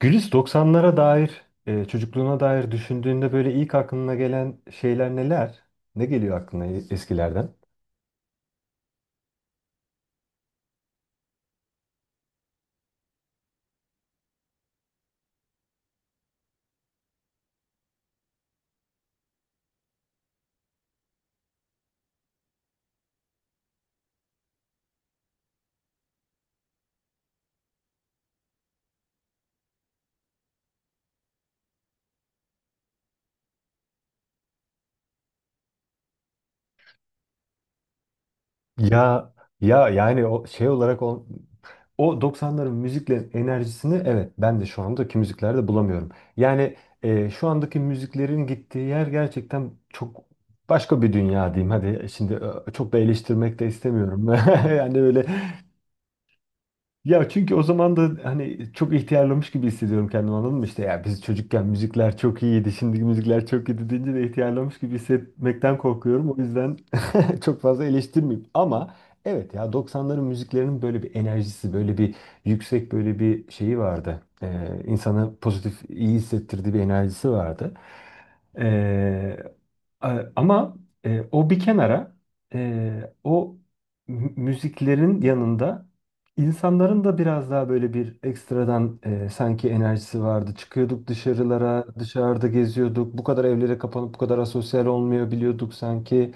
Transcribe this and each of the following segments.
Gülis doksanlara dair, çocukluğuna dair düşündüğünde böyle ilk aklına gelen şeyler neler? Ne geliyor aklına eskilerden? Ya ya, yani o şey olarak o, 90'ların müziklerin enerjisini, evet, ben de şu andaki müziklerde bulamıyorum. Yani şu andaki müziklerin gittiği yer gerçekten çok başka bir dünya diyeyim. Hadi şimdi çok da eleştirmek de istemiyorum. Yani böyle. Ya çünkü o zaman da hani çok ihtiyarlamış gibi hissediyorum kendimi, anladın mı? İşte ya biz çocukken müzikler çok iyiydi, şimdiki müzikler çok iyi deyince de ihtiyarlamış gibi hissetmekten korkuyorum. O yüzden çok fazla eleştirmeyeyim. Ama evet, ya doksanların müziklerinin böyle bir enerjisi, böyle bir yüksek böyle bir şeyi vardı. İnsanı pozitif, iyi hissettirdiği bir enerjisi vardı. E, Ama o bir kenara, e, o müziklerin yanında insanların da biraz daha böyle bir ekstradan sanki enerjisi vardı. Çıkıyorduk dışarılara, dışarıda geziyorduk. Bu kadar evlere kapanıp bu kadar asosyal olmuyor biliyorduk sanki.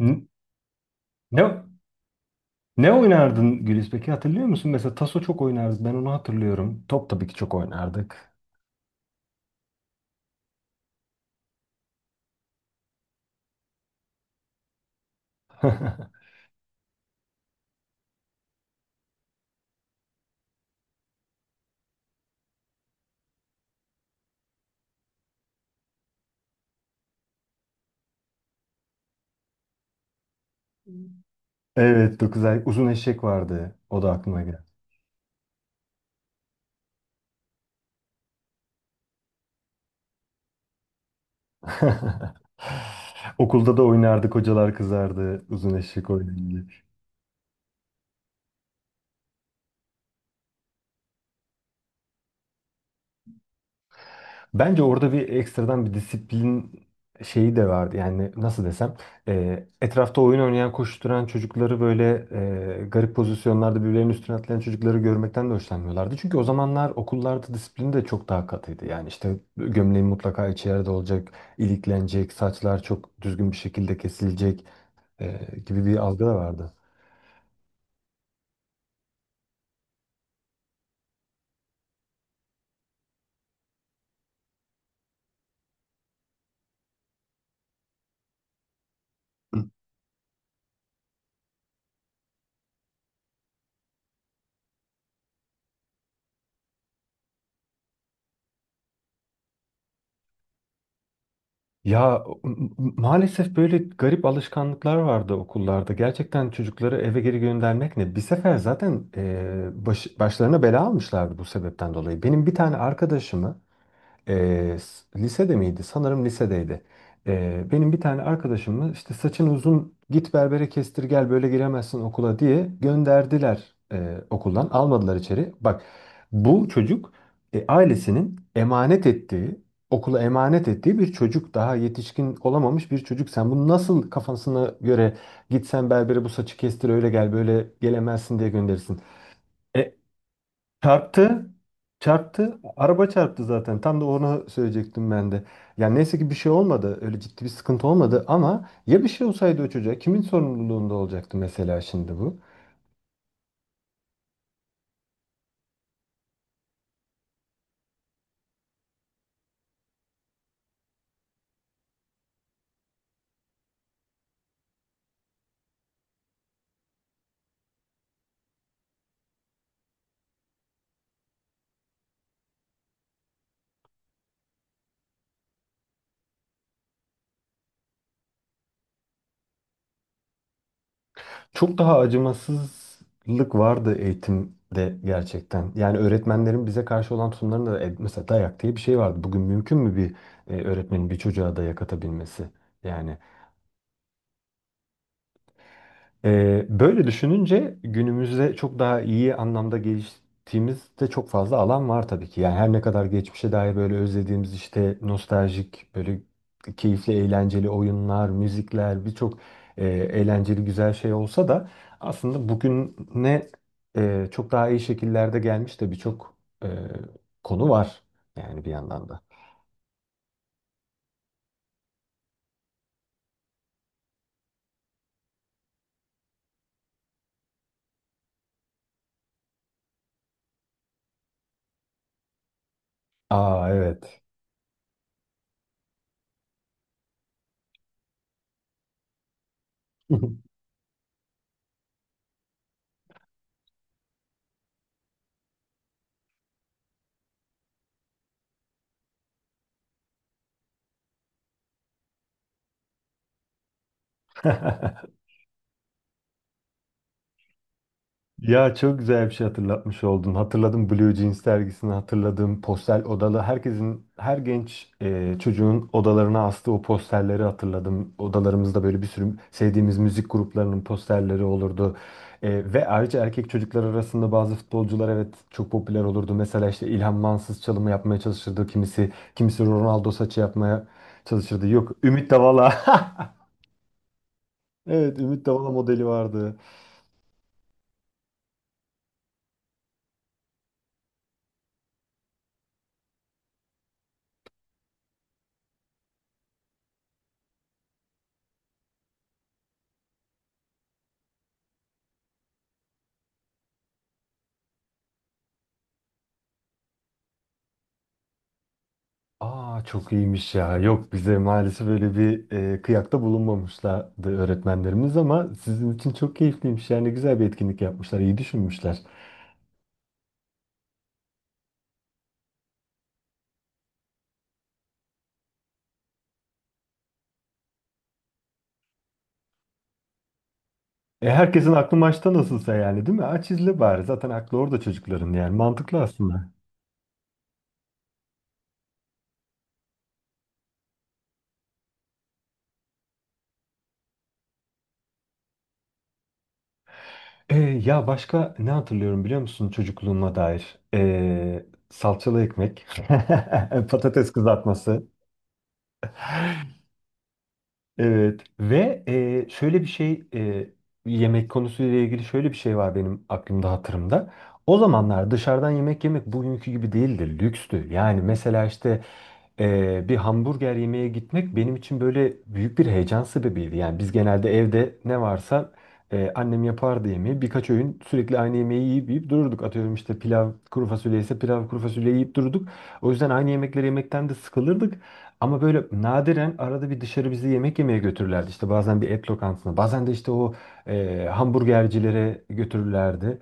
N- Ne oynardın Güliz peki, hatırlıyor musun? Mesela taso çok oynardık. Ben onu hatırlıyorum. Top tabii ki çok oynardık. Evet, 9 ay uzun eşek vardı. O da aklıma geldi. Okulda da oynardık, hocalar kızardı, uzun eşek oynardık. Bence orada bir ekstradan bir disiplin şeyi de vardı. Yani nasıl desem, etrafta oyun oynayan, koşturan çocukları böyle garip pozisyonlarda birbirlerinin üstüne atlayan çocukları görmekten de hoşlanmıyorlardı. Çünkü o zamanlar okullarda disiplin de çok daha katıydı. Yani işte gömleğin mutlaka içi yerde olacak, iliklenecek, saçlar çok düzgün bir şekilde kesilecek e, gibi bir algı da vardı. Ya maalesef böyle garip alışkanlıklar vardı okullarda. Gerçekten çocukları eve geri göndermek ne? Bir sefer zaten başlarına bela almışlardı bu sebepten dolayı. Benim bir tane arkadaşımı e, lisede miydi? Sanırım lisedeydi. Benim bir tane arkadaşımı işte saçın uzun, git berbere kestir gel, böyle giremezsin okula diye gönderdiler okuldan. Almadılar içeri. Bak, bu çocuk, ailesinin emanet ettiği, okula emanet ettiği bir çocuk, daha yetişkin olamamış bir çocuk, sen bunu nasıl kafasına göre gitsen berbere bu saçı kestir öyle gel böyle gelemezsin diye gönderirsin. E, Çarptı. Çarptı. Araba çarptı zaten. Tam da onu söyleyecektim ben de. Yani neyse ki bir şey olmadı. Öyle ciddi bir sıkıntı olmadı, ama ya bir şey olsaydı o çocuğa, kimin sorumluluğunda olacaktı mesela şimdi bu? Çok daha acımasızlık vardı eğitimde gerçekten. Yani öğretmenlerin bize karşı olan tutumlarında da, mesela dayak diye bir şey vardı. Bugün mümkün mü bir öğretmenin bir çocuğa dayak atabilmesi? Yani. Böyle düşününce günümüzde çok daha iyi anlamda geliştiğimizde çok fazla alan var tabii ki. Yani her ne kadar geçmişe dair böyle özlediğimiz işte nostaljik böyle keyifli eğlenceli oyunlar, müzikler, birçok eğlenceli güzel şey olsa da, aslında bugüne çok daha iyi şekillerde gelmiş de birçok e, konu var yani bir yandan da. Aa evet. Ya çok güzel bir şey hatırlatmış oldun. Hatırladım, Blue Jeans dergisini hatırladım. Postel odalı. Herkesin, her genç çocuğun odalarına astığı o posterleri hatırladım. Odalarımızda böyle bir sürü sevdiğimiz müzik gruplarının posterleri olurdu. Ve ayrıca erkek çocuklar arasında bazı futbolcular, evet, çok popüler olurdu. Mesela işte İlhan Mansız çalımı yapmaya çalışırdı kimisi. Kimisi Ronaldo saçı yapmaya çalışırdı. Yok, Ümit Davala. Evet, Ümit Davala modeli vardı. Aa çok iyiymiş ya. Yok, bize maalesef böyle bir kıyakta bulunmamışlardı öğretmenlerimiz, ama sizin için çok keyifliymiş. Yani güzel bir etkinlik yapmışlar, iyi düşünmüşler. Herkesin aklı maçta nasılsa yani, değil mi? Aç izle bari. Zaten aklı orada çocukların yani. Mantıklı aslında. Ya başka ne hatırlıyorum biliyor musun çocukluğuma dair? Salçalı ekmek, patates kızartması. Evet, ve e, şöyle bir şey e, yemek konusuyla ilgili şöyle bir şey var benim aklımda, hatırımda. O zamanlar dışarıdan yemek yemek bugünkü gibi değildi, lükstü. Yani mesela işte, bir hamburger yemeye gitmek benim için böyle büyük bir heyecan sebebiydi. Yani biz genelde evde ne varsa annem yapardı yemeği. Birkaç öğün sürekli aynı yemeği yiyip dururduk. Atıyorum işte pilav, kuru fasulye ise pilav, kuru fasulye yiyip dururduk. O yüzden aynı yemekleri yemekten de sıkılırdık. Ama böyle nadiren arada bir dışarı bizi yemek yemeye götürürlerdi. İşte bazen bir et lokantasına, bazen de işte o hamburgercilere götürürlerdi.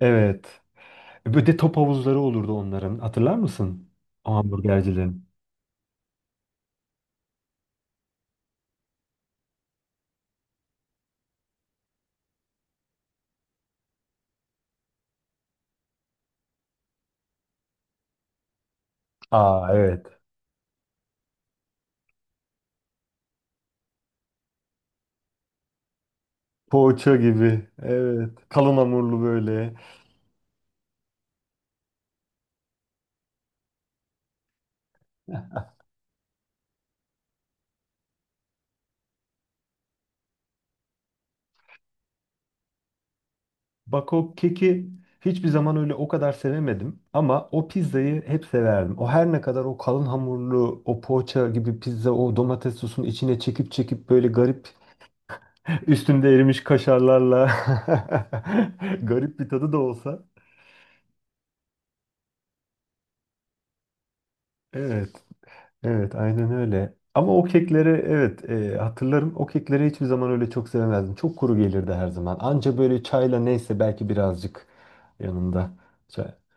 Evet. Bir de top havuzları olurdu onların. Hatırlar mısın? O hamburgercilerin. Aa evet. Poğaça gibi. Evet. Kalın hamurlu böyle. Bak, o keki hiçbir zaman öyle o kadar sevemedim, ama o pizzayı hep severdim. O, her ne kadar o kalın hamurlu, o poğaça gibi pizza, o domates sosunu içine çekip böyle garip üstünde erimiş kaşarlarla garip bir tadı da olsa. Evet. Evet, aynen öyle. Ama o kekleri, evet, hatırlarım. O kekleri hiçbir zaman öyle çok sevmezdim. Çok kuru gelirdi her zaman. Anca böyle çayla, neyse, belki birazcık yanında. Çay.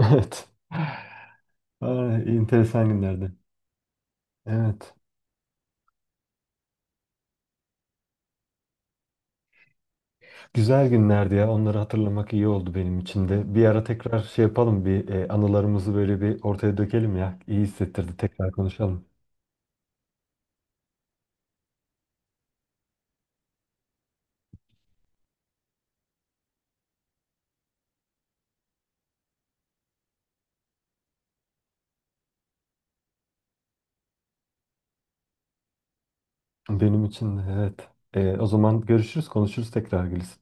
Evet. Ay, enteresan günlerdi. Evet. Güzel günlerdi ya. Onları hatırlamak iyi oldu benim için de. Bir ara tekrar şey yapalım. Bir, anılarımızı böyle bir ortaya dökelim ya. İyi hissettirdi. Tekrar konuşalım. Benim için de, evet. O zaman görüşürüz, konuşuruz tekrar Gülis.